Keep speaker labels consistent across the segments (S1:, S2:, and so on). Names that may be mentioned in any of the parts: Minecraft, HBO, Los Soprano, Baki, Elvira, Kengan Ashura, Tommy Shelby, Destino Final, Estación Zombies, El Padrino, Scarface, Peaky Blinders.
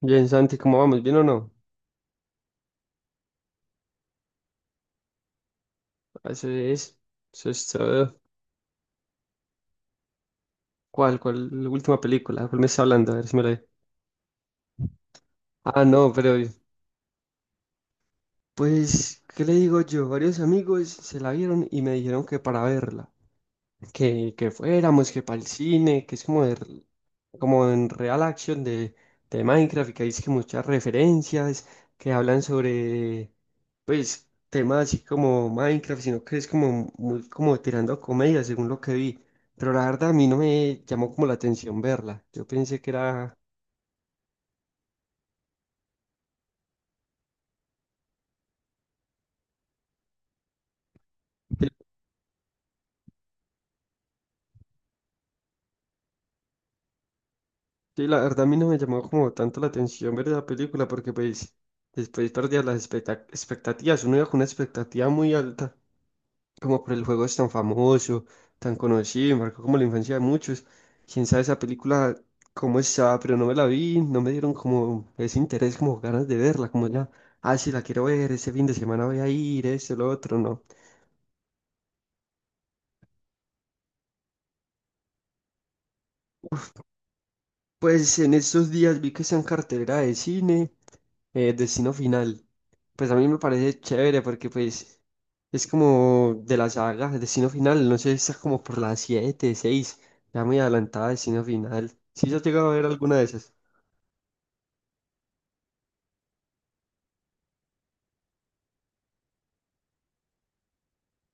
S1: Bien, Santi, ¿cómo vamos? ¿Bien o no? Eso es. Eso es todo. ¿Cuál? ¿Cuál? La última película. ¿Cuál me está hablando? A ver si me la vi. Ah, no, pero. Pues, ¿qué le digo yo? Varios amigos se la vieron y me dijeron que para verla. Que fuéramos, que para el cine, que es como, como en real action de Minecraft, y que hay es que muchas referencias que hablan sobre, pues, temas así como Minecraft, sino que es como, muy, como tirando a comedia, según lo que vi. Pero la verdad a mí no me llamó como la atención verla. Yo pensé que era... Sí, la verdad a mí no me llamó como tanto la atención ver esa película porque pues después perdía las expectativas. Uno iba con una expectativa muy alta como por el juego es tan famoso, tan conocido, y marcó como la infancia de muchos. Quién sabe esa película cómo está, pero no me la vi, no me dieron como ese interés, como ganas de verla, como ya, ah, sí, la quiero ver, ese fin de semana voy a ir, esto, lo otro, no. Pues en estos días vi que está en cartelera de cine, Destino Final. Pues a mí me parece chévere porque pues es como de la saga, Destino Final, no sé, está como por las 7, 6, ya muy adelantada Destino Final. ¿Sí has llegado a ver alguna de esas?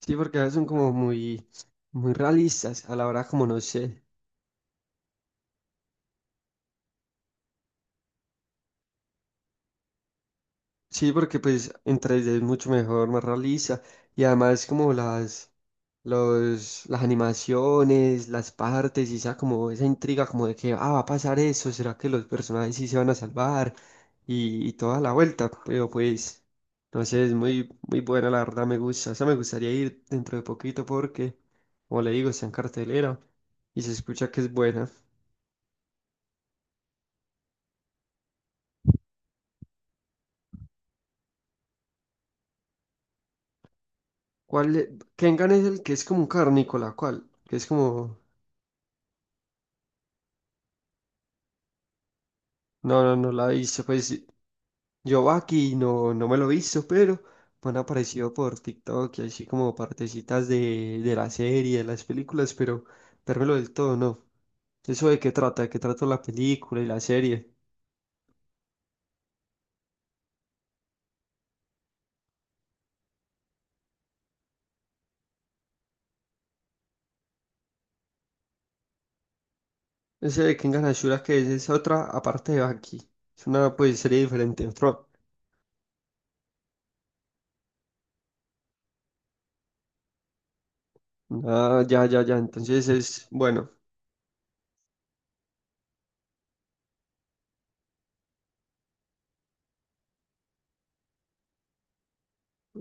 S1: Sí, porque a veces son como muy, muy realistas a la hora, como no sé. Sí, porque pues en 3D es mucho mejor, más realista. Y además como las animaciones, las partes, y esa como esa intriga como de que, ah, va a pasar eso, ¿será que los personajes sí se van a salvar? Y toda la vuelta. Pero pues, no sé, es muy, muy buena, la verdad me gusta. O sea, me gustaría ir dentro de poquito porque, como le digo, está en cartelera y se escucha que es buena. ¿Cuál? Kengan es el que es como un carnícola, ¿cuál? Que es como... No, no, no la he visto, pues yo Baki no, no me lo he visto, pero me han aparecido por TikTok y así como partecitas de la serie, de las películas, pero vérmelo del todo, no. ¿Eso de qué trata? ¿De qué trata la película y la serie? Ese de Kengan Ashura que es otra, aparte de Baki. Es una pues serie diferente, otro. Ah, ya, ya, ya. Entonces es, bueno,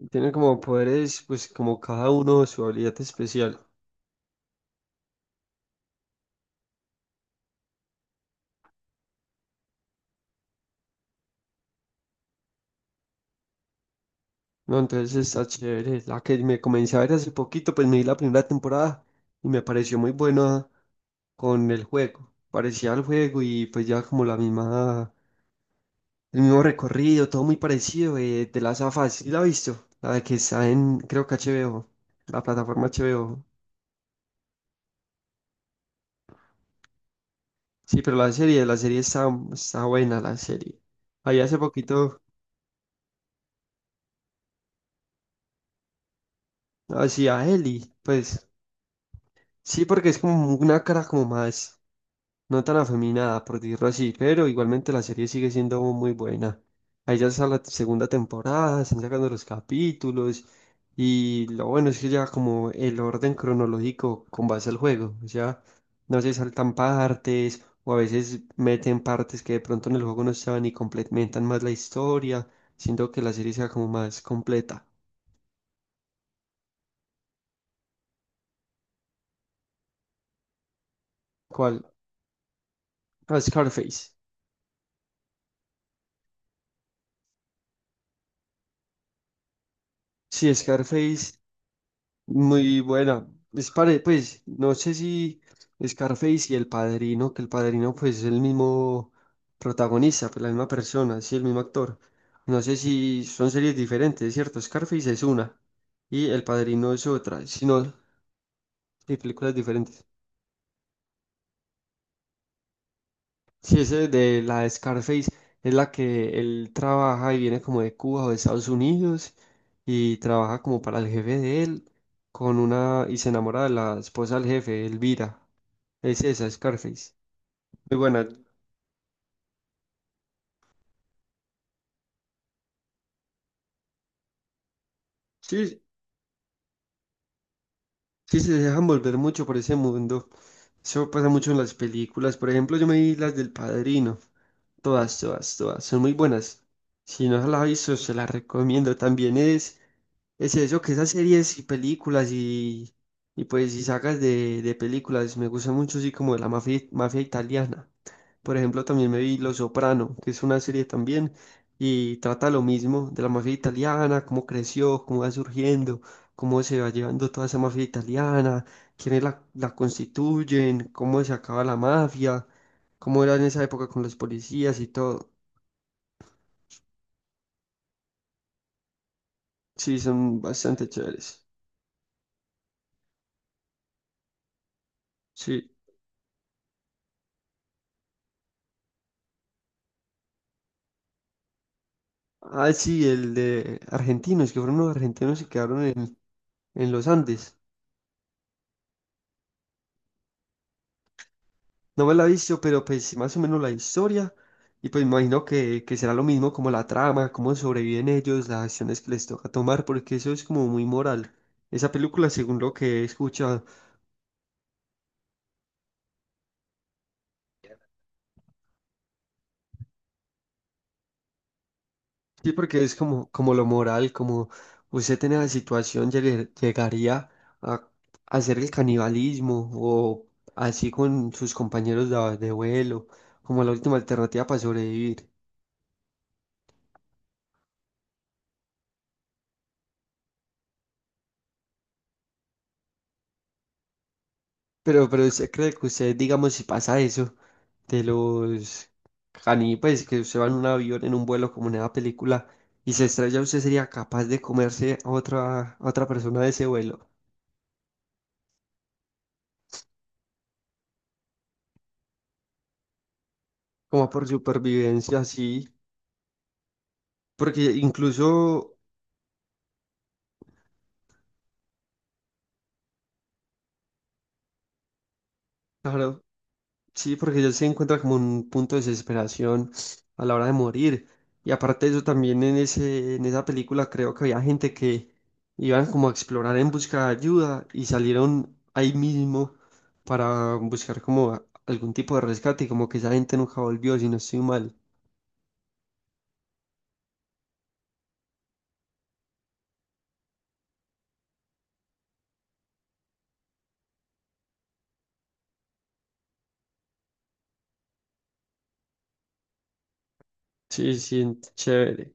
S1: tiene como poderes, pues como cada uno su habilidad especial. No, entonces está chévere. La que me comencé a ver hace poquito, pues me di la primera temporada y me pareció muy buena con el juego. Parecía el juego y pues ya como la misma, el mismo recorrido, todo muy parecido, de las afas. ¿Sí la has visto? La de que está en, creo que HBO, la plataforma HBO. Sí, pero la serie está buena, la serie. Ahí hace poquito hacía Eli, pues sí, porque es como una cara como más no tan afeminada, por decirlo así, pero igualmente la serie sigue siendo muy buena. Ahí ya está la segunda temporada, están sacando los capítulos y lo bueno es que ya como el orden cronológico con base al juego, o sea, no se saltan partes o a veces meten partes que de pronto en el juego no estaban y complementan más la historia, siendo que la serie sea como más completa. ¿Cuál? Ah, Scarface. Sí, Scarface. Muy buena. Es pues, no sé si Scarface y El Padrino, que El Padrino pues es el mismo protagonista, pues la misma persona, sí, el mismo actor. No sé si son series diferentes, ¿cierto? Scarface es una y El Padrino es otra, sino sí, películas diferentes. Si ese de la de Scarface es la que él trabaja y viene como de Cuba o de Estados Unidos y trabaja como para el jefe de él con una y se enamora de la esposa del jefe, Elvira. Es esa, Scarface. Muy buena. Sí, sí, se dejan volver mucho por ese mundo. Eso pasa mucho en las películas. Por ejemplo, yo me vi las del Padrino. Todas, todas, todas. Son muy buenas. Si no se las ha visto, se las recomiendo. También es eso, que esas series y películas y pues y sagas de películas me gustan mucho, así como de la mafia, mafia italiana. Por ejemplo, también me vi los Soprano, que es una serie también y trata lo mismo de la mafia italiana, cómo creció, cómo va surgiendo, cómo se va llevando toda esa mafia italiana, quiénes la constituyen, cómo se acaba la mafia, cómo era en esa época con los policías y todo. Sí, son bastante chéveres. Sí. Ah, sí, el de argentinos, que fueron los argentinos y quedaron en los Andes. No me la he visto, pero pues más o menos la historia. Y pues me imagino que será lo mismo como la trama, cómo sobreviven ellos, las acciones que les toca tomar, porque eso es como muy moral. Esa película, según lo que he escuchado, sí, porque es como, lo moral, como usted en esa situación llegaría a hacer el canibalismo o así con sus compañeros de vuelo, como la última alternativa para sobrevivir. Pero usted cree que usted, digamos, si pasa eso de los caníbales, que usted va en un avión, en un vuelo como en esa película, y se estrella, usted sería capaz de comerse a otra persona de ese vuelo, como por supervivencia, así, porque incluso... Claro, sí, porque ellos se encuentran como un punto de desesperación a la hora de morir. Y aparte de eso, también en esa película creo que había gente que iban como a explorar en busca de ayuda y salieron ahí mismo para buscar como algún tipo de rescate y como que esa gente nunca volvió, si no estoy mal. Sí, sí, chévere.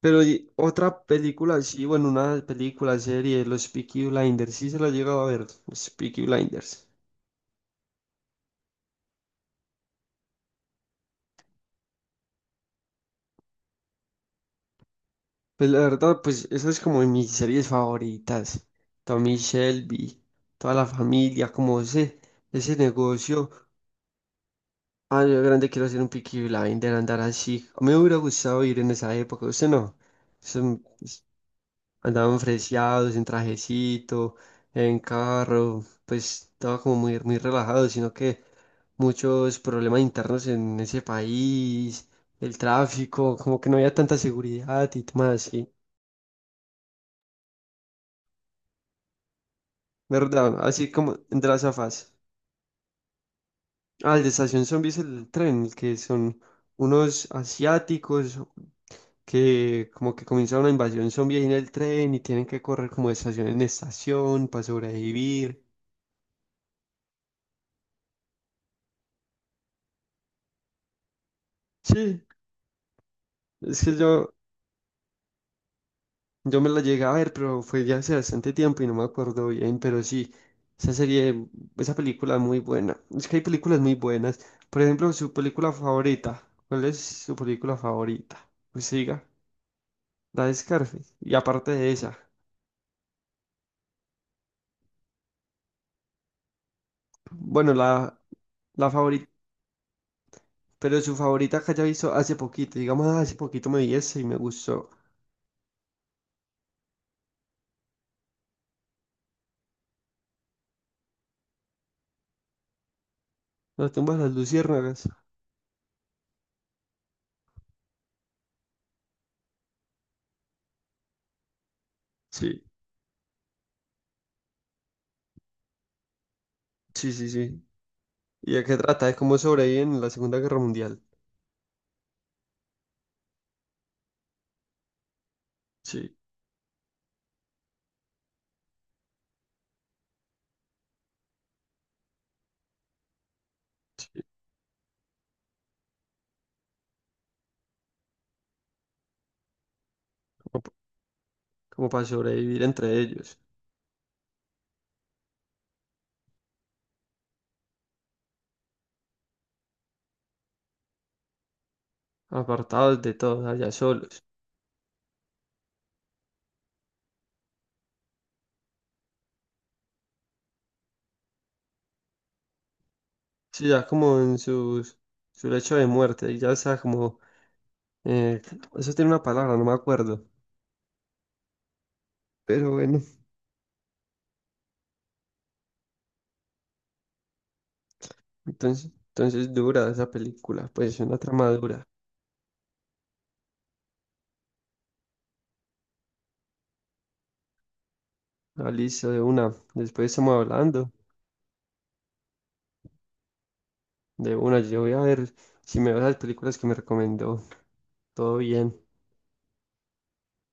S1: Pero y otra película, sí, bueno, una película, serie, los Peaky Blinders, sí se la he llegado a ver, los Peaky Blinders. Pues la verdad, pues eso es como de mis series favoritas. Tommy Shelby, toda la familia, como ese negocio. Ah, yo de grande quiero hacer un Peaky Blinder, andar así. A mí me hubiera gustado ir en esa época, usted no. Pues, andaban fresiados, en trajecito, en carro, pues estaba como muy, muy relajado, sino que muchos problemas internos en ese país, el tráfico, como que no había tanta seguridad y demás. Sí. ¿Verdad? Así como entre las afas. Ah, el de Estación Zombies, el tren, que son unos asiáticos que como que comienza una invasión zombie ahí en el tren y tienen que correr como de estación en estación para sobrevivir. Sí, es que yo me la llegué a ver, pero fue ya hace bastante tiempo y no me acuerdo bien, pero sí, esa serie, esa película es muy buena. Es que hay películas muy buenas. Por ejemplo, su película favorita. ¿Cuál es su película favorita? Pues siga. La de Scarface. Y aparte de esa. Bueno, la favorita. Pero su favorita que haya visto hace poquito. Digamos, "Ah, hace poquito me vi esa y me gustó." Las tumbas de las luciérnagas. Sí, sí, sí, sí. ¿Y de qué trata? De cómo sobreviven en la Segunda Guerra Mundial. Sí, sí. Como, pa- como para sobrevivir entre ellos. Apartados de todos, allá solos. Sí, ya como en su lecho de muerte. Y ya sea como. eh, Eso tiene una palabra, no me acuerdo. Pero bueno. Entonces, dura esa película, pues una trama dura. Ah, listo, de una. Después estamos hablando de una. Yo voy a ver si me veo las películas que me recomendó. Todo bien.